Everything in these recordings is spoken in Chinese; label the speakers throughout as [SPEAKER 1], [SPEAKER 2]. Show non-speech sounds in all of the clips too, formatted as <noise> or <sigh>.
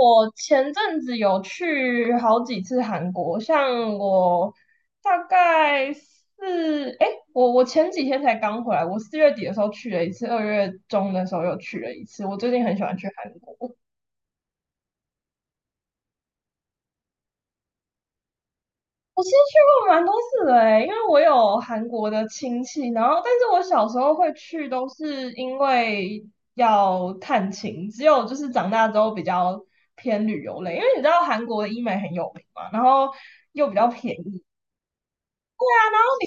[SPEAKER 1] 我前阵子有去好几次韩国，像我大概是我前几天才刚回来，我4月底的时候去了一次，2月中的时候又去了一次。我最近很喜欢去韩国。我其实去过蛮多次的诶，因为我有韩国的亲戚，然后但是我小时候会去都是因为要探亲，只有就是长大之后比较偏旅游类，因为你知道韩国的医美很有名嘛，然后又比较便宜。然后你。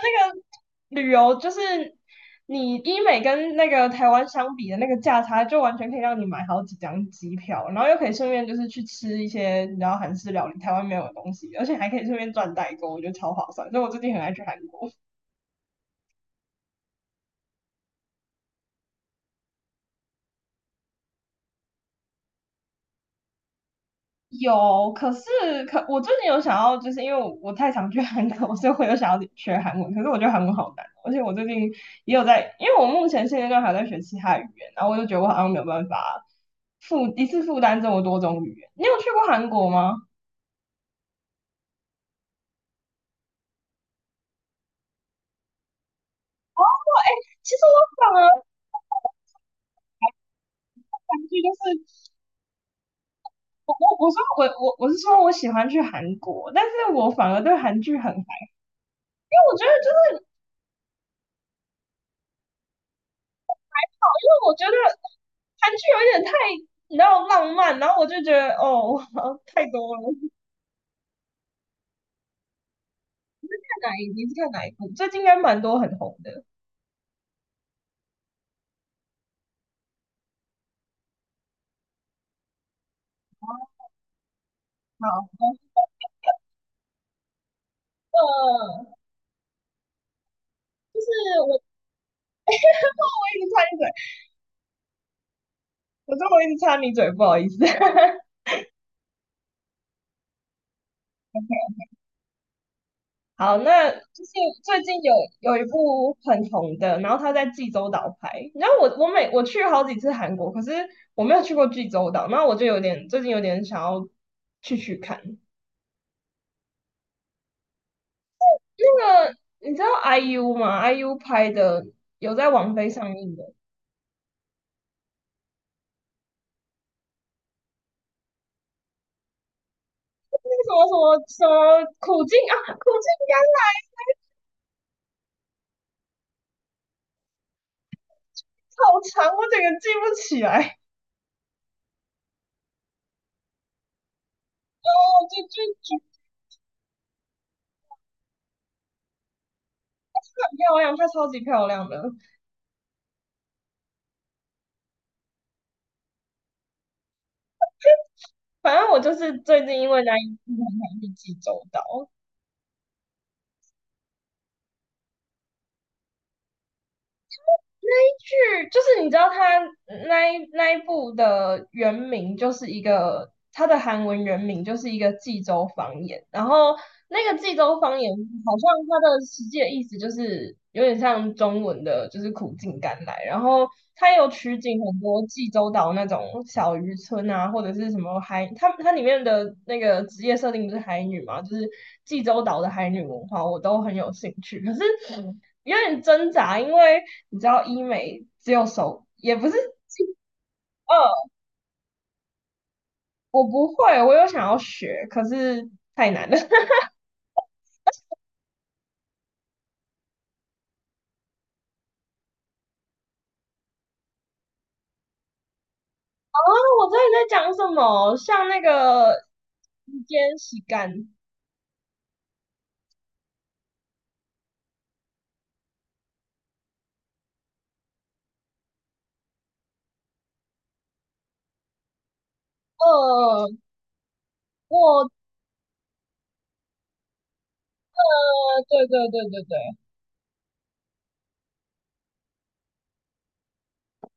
[SPEAKER 1] 那个旅游，就是你医美跟那个台湾相比的那个价差，就完全可以让你买好几张机票，然后又可以顺便就是去吃一些你知道韩式料理，台湾没有的东西，而且还可以顺便赚代购，我觉得超划算。所以我最近很爱去韩国。有，可我最近有想要，就是因为我太常去韩国，所以我有想要学韩文。可是我觉得韩文好难哦，而且我最近也有在，因为我目前现阶段还在学其他语言，然后我就觉得我好像没有办法负一次负担这么多种语言。你有去过韩国吗？其实我反而韩剧就是我我我说我我我是说我喜欢去韩国，但是我反而对韩剧很烦，因为我觉得就是因为我觉得韩剧有一点太你知道浪漫，然后我就觉得哦 <laughs> 太多了。你是看哪一部？最近应该蛮多很红的。好，呃，是我一直插你嘴，我说我一直插你嘴，不好意思。<laughs> 好，那就是最近有一部很红的，然后他在济州岛拍。你知道我去好几次韩国，可是我没有去过济州岛，那我就有点最近有点想要去看。那个你知道 IU 吗？IU 拍的有在网飞上映的，那个什么什么什么苦尽啊，苦尽甘来，好长，我整个记不起来。哦，这很漂亮，她超级漂亮的。反正我就是最近因为那一次很常去济州岛，剧就是你知道它那一部的原名就是一个它的韩文原名就是一个济州方言，然后那个济州方言好像它的实际的意思就是有点像中文的，就是苦尽甘来，然后它有取景很多济州岛那种小渔村啊，或者是什么海，它里面的那个职业设定不是海女嘛，就是济州岛的海女文化，我都很有兴趣，可是。有点挣扎，因为你知道医美只有手，也不是，我不会，我有想要学，可是太难了。<laughs> 啊，后我这里在讲什么？像那个肩洗干，呃，我，对对对对对，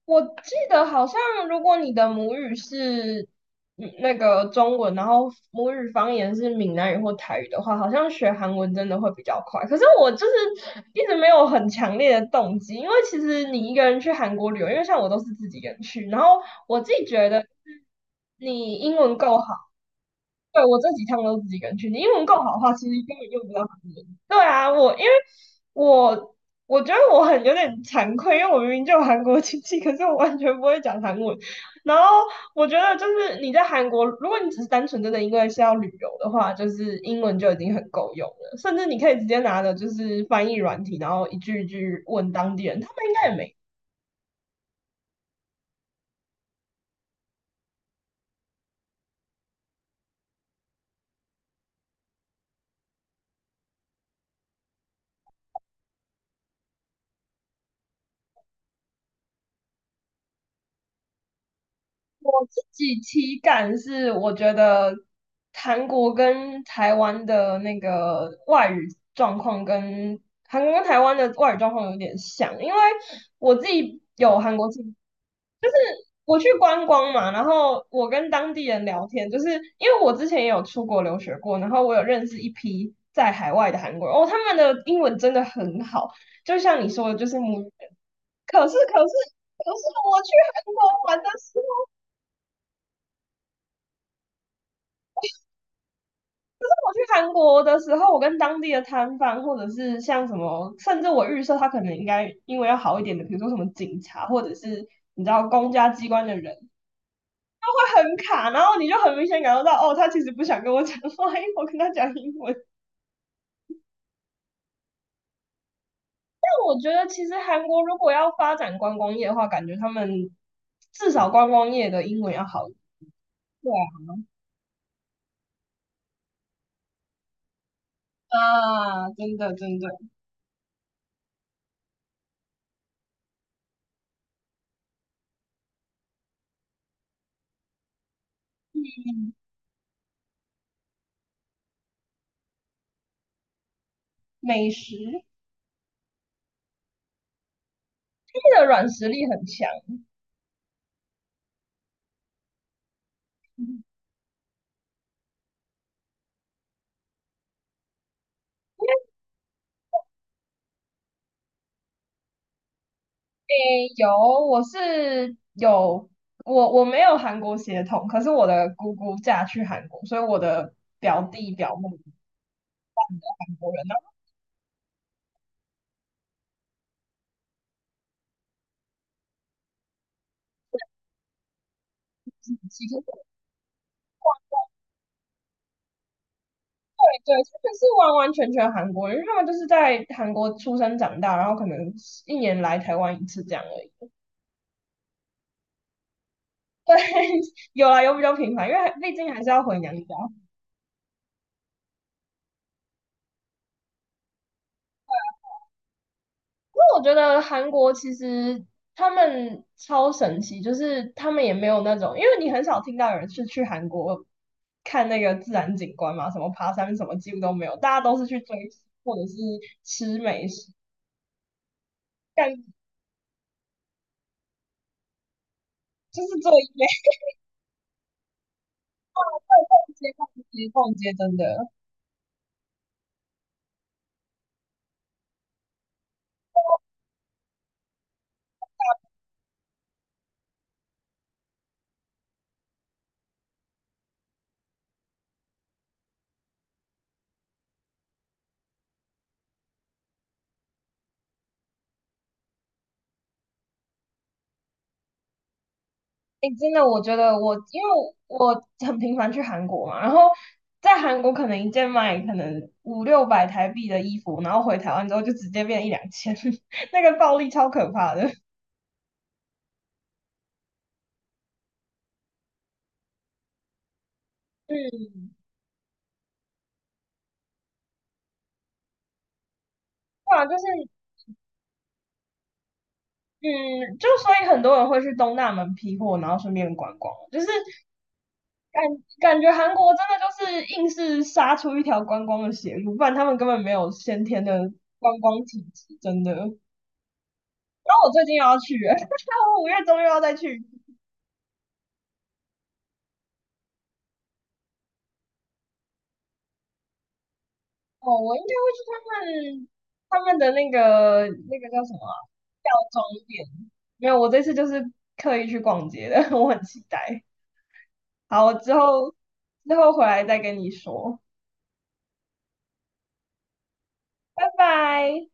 [SPEAKER 1] 我记得好像，如果你的母语是那个中文，然后母语方言是闽南语或台语的话，好像学韩文真的会比较快。可是我就是一直没有很强烈的动机，因为其实你一个人去韩国旅游，因为像我都是自己一个人去，然后我自己觉得你英文够好。对，我这几趟都自己一个人去，你英文够好的话，其实根本用不到韩文。对啊，我我觉得我很有点惭愧，因为我明明就有韩国亲戚，可是我完全不会讲韩文。然后我觉得就是你在韩国，如果你只是单纯真的因为是要旅游的话，就是英文就已经很够用了，甚至你可以直接拿着就是翻译软体，然后一句一句问当地人，他们应该也没自己体感是，我觉得韩国跟台湾的那个外语状况跟韩国跟台湾的外语状况有点像，因为我自己有韩国经，我去观光嘛，然后我跟当地人聊天，就是因为我之前也有出国留学过，然后我有认识一批在海外的韩国人，哦，他们的英文真的很好，就像你说的，就是母语。可是，可是，可是我去韩国玩的时我去韩国的时候，我跟当地的摊贩，或者是像什么，甚至我预设他可能应该因为要好一点的，比如说什么警察，或者是你知道公家机关的人，会很卡，然后你就很明显感受到，哦，他其实不想跟我讲话，因为我跟他讲英文。我觉得其实韩国如果要发展观光业的话，感觉他们至少观光业的英文要好一点。对啊，啊真的真的，美食，他们的软实力很强。有，我是有，我没有韩国血统，可是我的姑姑嫁去韩国，所以我的表弟表妹是韩国人，然后其实对，他们是完完全全韩国人，因为他们就是在韩国出生长大，然后可能一年来台湾一次这样而已。对，<laughs> 有啊，有比较频繁，因为毕竟还是要回娘家。因为我觉得韩国其实他们超神奇，就是他们也没有那种，因为你很少听到有人是去韩国看那个自然景观嘛，什么爬山什么几乎都没有，大家都是去追星或者是吃美食，感就是做一类 <laughs> 逛街逛街，真的，哎，真的，我觉得我因为我很频繁去韩国嘛，然后在韩国可能一件卖可能五六百台币的衣服，然后回台湾之后就直接变一两千，<laughs> 那个暴利超可怕的。嗯，对啊，就是嗯，就所以很多人会去东大门批货，然后顺便观光，就是感感觉韩国真的就是硬是杀出一条观光的血路，不然他们根本没有先天的观光体质，真的。然后我最近又要去了，<laughs> 我5月中又要再去。哦，我应该会去他们的那个叫什么啊药妆店。没有，我这次就是刻意去逛街的，<laughs> 我很期待。好，我之后回来再跟你说，拜拜。